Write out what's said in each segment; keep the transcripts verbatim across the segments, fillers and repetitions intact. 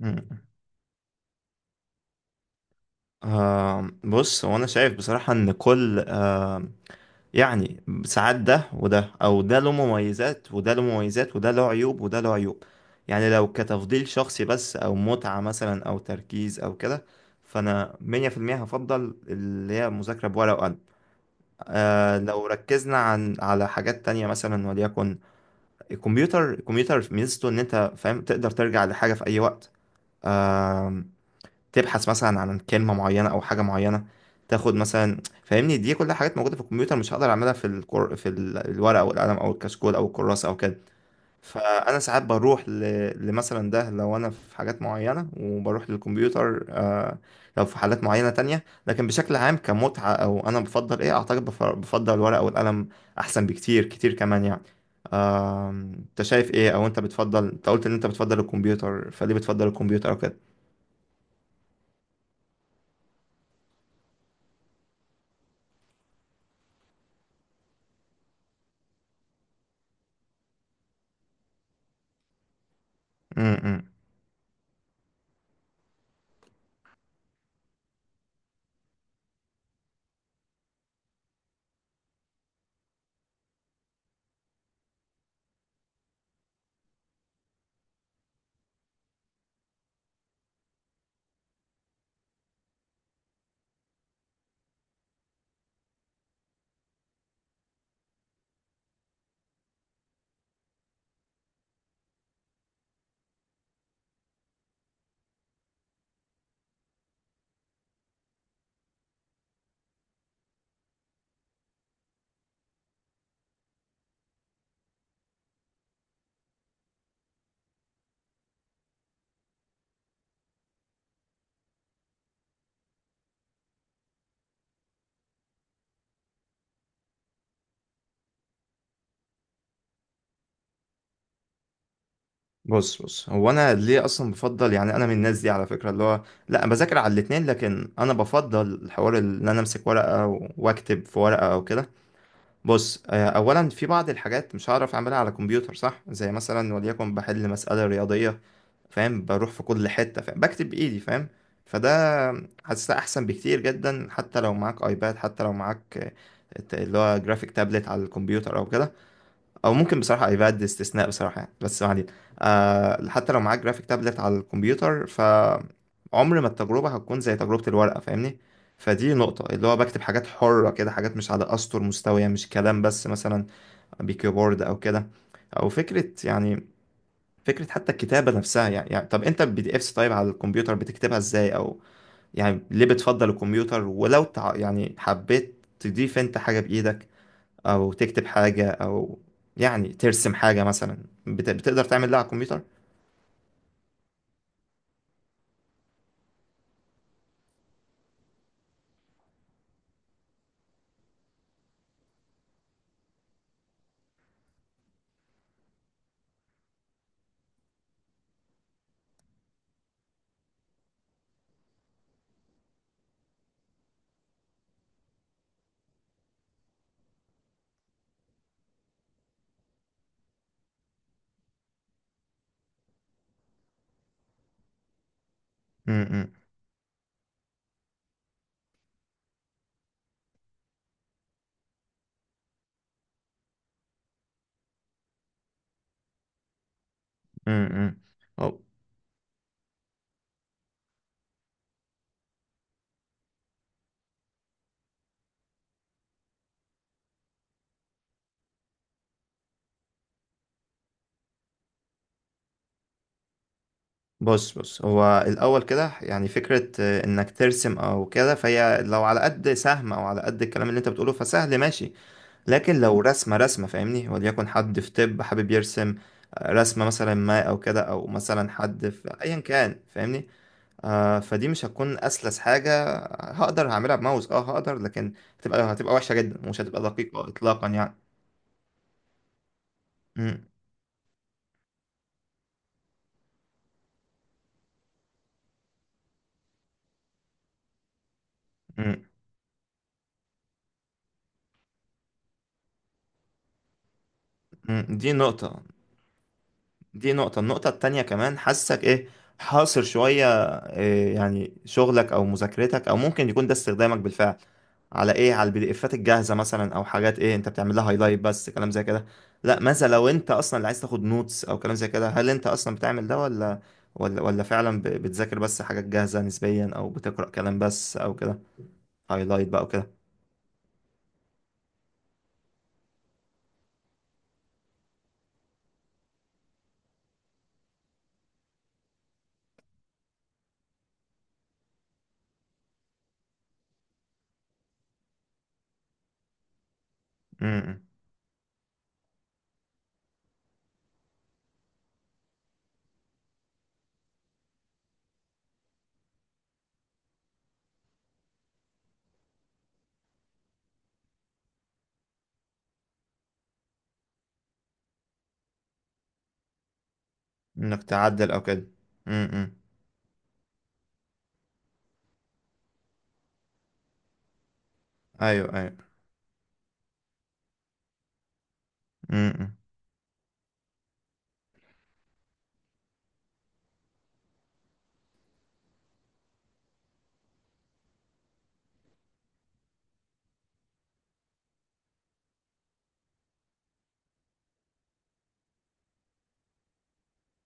مم. آه بص، هو انا شايف بصراحة ان كل آه يعني ساعات ده وده او ده له مميزات وده له مميزات وده له عيوب وده له عيوب. يعني لو كتفضيل شخصي بس او متعة مثلا او تركيز او كده، فانا مية في المية هفضل اللي هي مذاكرة بورقة وقلم. آه لو ركزنا عن على حاجات تانية مثلا، وليكن الكمبيوتر الكمبيوتر ميزته ان انت فاهم تقدر ترجع لحاجة في اي وقت، تبحث مثلا عن كلمة معينة أو حاجة معينة، تاخد مثلا، فاهمني، دي كلها حاجات موجودة في الكمبيوتر مش هقدر أعملها في الكر... في ال- الورقة أو القلم أو الكشكول أو الكراسة أو كده. فأنا ساعات بروح ل... لمثلا ده، لو أنا في حاجات معينة وبروح للكمبيوتر آه... لو في حالات معينة تانية، لكن بشكل عام كمتعة أو أنا بفضل إيه، أعتقد بف... بفضل الورقة أو القلم أحسن بكتير كتير كمان يعني. آم، أنت شايف إيه؟ أو أنت بتفضل، أنت قلت إن أنت بتفضل الكمبيوتر، فليه بتفضل الكمبيوتر أو كده؟ م- م. بص بص، هو انا ليه اصلا بفضل؟ يعني انا من الناس دي على فكره، اللي هو لا، بذاكر على الاتنين، لكن انا بفضل الحوار اللي انا امسك ورقه و- واكتب في ورقه او كده. بص، آه، اولا في بعض الحاجات مش هعرف اعملها على كمبيوتر، صح؟ زي مثلا وليكن بحل مساله رياضيه، فاهم، بروح في كل حته، فاهم، بكتب بايدي، فاهم؟ فده حاسسها احسن بكتير جدا، حتى لو معاك ايباد، حتى لو معاك آه، اللي هو جرافيك تابلت على الكمبيوتر او كده. او ممكن بصراحه ايباد استثناء بصراحه يعني، بس ما علينا. آه حتى لو معاك جرافيك تابلت على الكمبيوتر ف عمر ما التجربه هتكون زي تجربه الورقه، فاهمني. فدي نقطه، اللي هو بكتب حاجات حره كده، حاجات مش على اسطر مستويه، مش كلام بس مثلا بكيبورد او كده، او فكره، يعني فكره حتى الكتابه نفسها يعني, يعني طب انت البي دي افس طيب على الكمبيوتر بتكتبها ازاي؟ او يعني ليه بتفضل الكمبيوتر؟ ولو تع... يعني حبيت تضيف انت حاجه بايدك او تكتب حاجة او يعني ترسم حاجة مثلا، بت... بتقدر تعمل ده على الكمبيوتر؟ امم، امم، أو. بص بص، هو الأول كده يعني فكرة آه، إنك ترسم أو كده، فهي لو على قد سهم أو على قد الكلام اللي أنت بتقوله، فسهل ماشي. لكن لو رسمة رسمة، فاهمني، وليكن حد في طب حابب يرسم آه، رسمة مثلا ما، أو كده، أو مثلا حد في أيا كان، فاهمني، آه فدي مش هتكون اسلس حاجه. هقدر، هعملها بماوس اه هقدر، لكن هتبقى هتبقى وحشه جدا ومش هتبقى دقيقه اطلاقا يعني. م- م- م. دي نقطه دي نقطة النقطة التانية كمان، حاسك ايه، حاصر شوية، إيه يعني شغلك او مذاكرتك، او ممكن يكون ده استخدامك بالفعل على ايه على البي دي افات الجاهزة مثلا، او حاجات، ايه انت بتعمل لها هايلايت بس، كلام زي كده؟ لا، ماذا لو انت اصلا اللي عايز تاخد نوتس او كلام زي كده؟ هل انت اصلا بتعمل ده ولا ولا ولا فعلا ب- بتذاكر بس حاجات جاهزة نسبيا، او بتقرأ كلام بس او كده، هايلايت بقى وكده؟ م- م. انك تعدل او كده. م- م. ايوه، ايوه. م- م.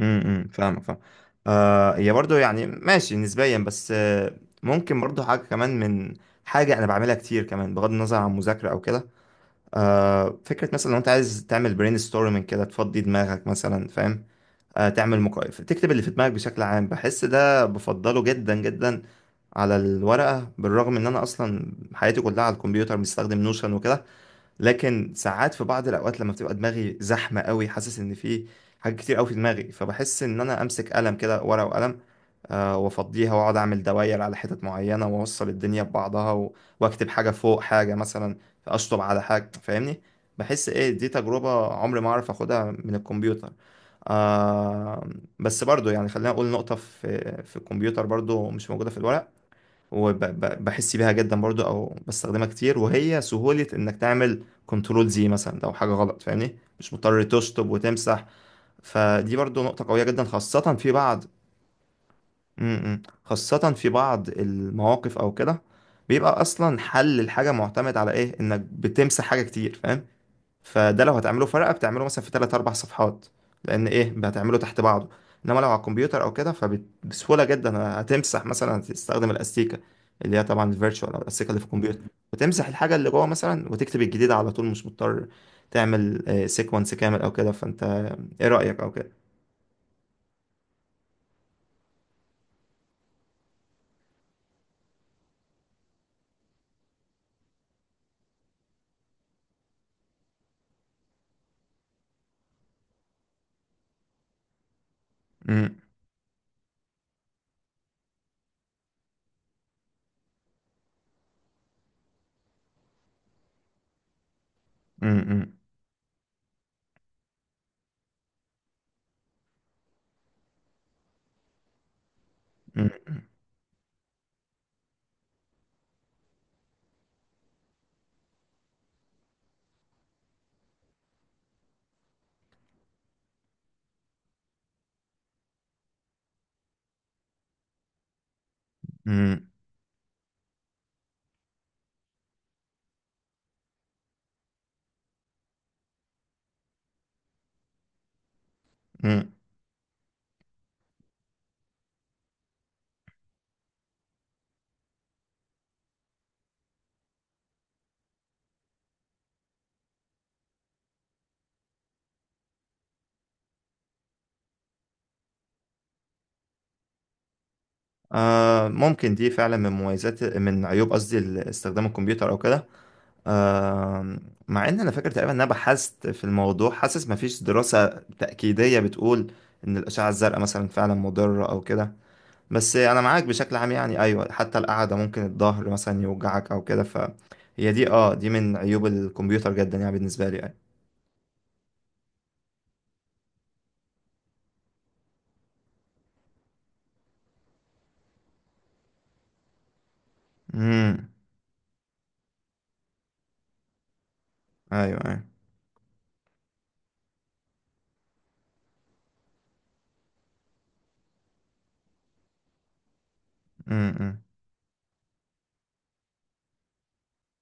امم، امم، فاهمك، فاهم. آه هي برضو يعني ماشي نسبيا، بس آه ممكن برضو حاجة كمان، من حاجة أنا بعملها كتير كمان بغض النظر عن مذاكرة أو كده. آه فكرة مثلا لو أنت عايز تعمل برين ستورمنج كده، تفضي دماغك مثلا، فاهم، آه تعمل مقايف، تكتب اللي في دماغك بشكل عام، بحس ده بفضله جدا جدا على الورقة، بالرغم إن أنا أصلا حياتي كلها على الكمبيوتر، بستخدم نوشن وكده. لكن ساعات في بعض الاوقات لما بتبقى دماغي زحمه قوي، حاسس ان في حاجات كتير قوي في دماغي، فبحس ان انا امسك قلم كده، ورقه وقلم، آه، وافضيها، واقعد اعمل دواير على حتت معينه، واوصل الدنيا ببعضها و... واكتب حاجه فوق حاجه مثلا، اشطب على حاجه، فاهمني، بحس ايه دي تجربه عمري ما اعرف اخدها من الكمبيوتر آه بس برضو يعني خلينا اقول نقطه في في الكمبيوتر برضو مش موجوده في الورق، وبحس بيها جدا برضو، او بستخدمها كتير، وهي سهولة انك تعمل كنترول، زي مثلا لو حاجة غلط، فاهمني، مش مضطر تشطب وتمسح. فدي برضو نقطة قوية جدا، خاصة في بعض... م- م. خاصة في بعض المواقف او كده، بيبقى اصلا حل الحاجة معتمد على ايه، انك بتمسح حاجة كتير، فاهم؟ فده لو هتعمله ورقة، بتعمله مثلا في تلات أربع صفحات، لأن إيه، هتعمله تحت بعضه. إنما لو على الكمبيوتر أو كده، فبسهولة جدا هتمسح مثلا، هتستخدم الأستيكة اللي هي طبعا الفيرتشوال، أو الأستيكة اللي في الكمبيوتر، وتمسح الحاجة اللي جوه مثلا، وتكتب الجديدة على طول، مش مضطر تعمل سيكونس كامل أو كده. فأنت إيه رأيك أو كده؟ مم، مم، مم، مم، مم، مم. آه ممكن دي فعلا من مميزات، من عيوب قصدي، ال- استخدام الكمبيوتر أو كده. آم، مع ان انا فاكر تقريبا ان انا بحثت في الموضوع، حاسس مفيش دراسة تأكيدية بتقول ان الأشعة الزرقاء مثلا فعلا مضرة او كده، بس انا معاك بشكل عام يعني، ايوه، حتى القعدة ممكن الظهر مثلا يوجعك او كده، فهي دي اه دي من عيوب الكمبيوتر جدا يعني، بالنسبة لي، ايوه. امم، ايوه، ايوه، امم.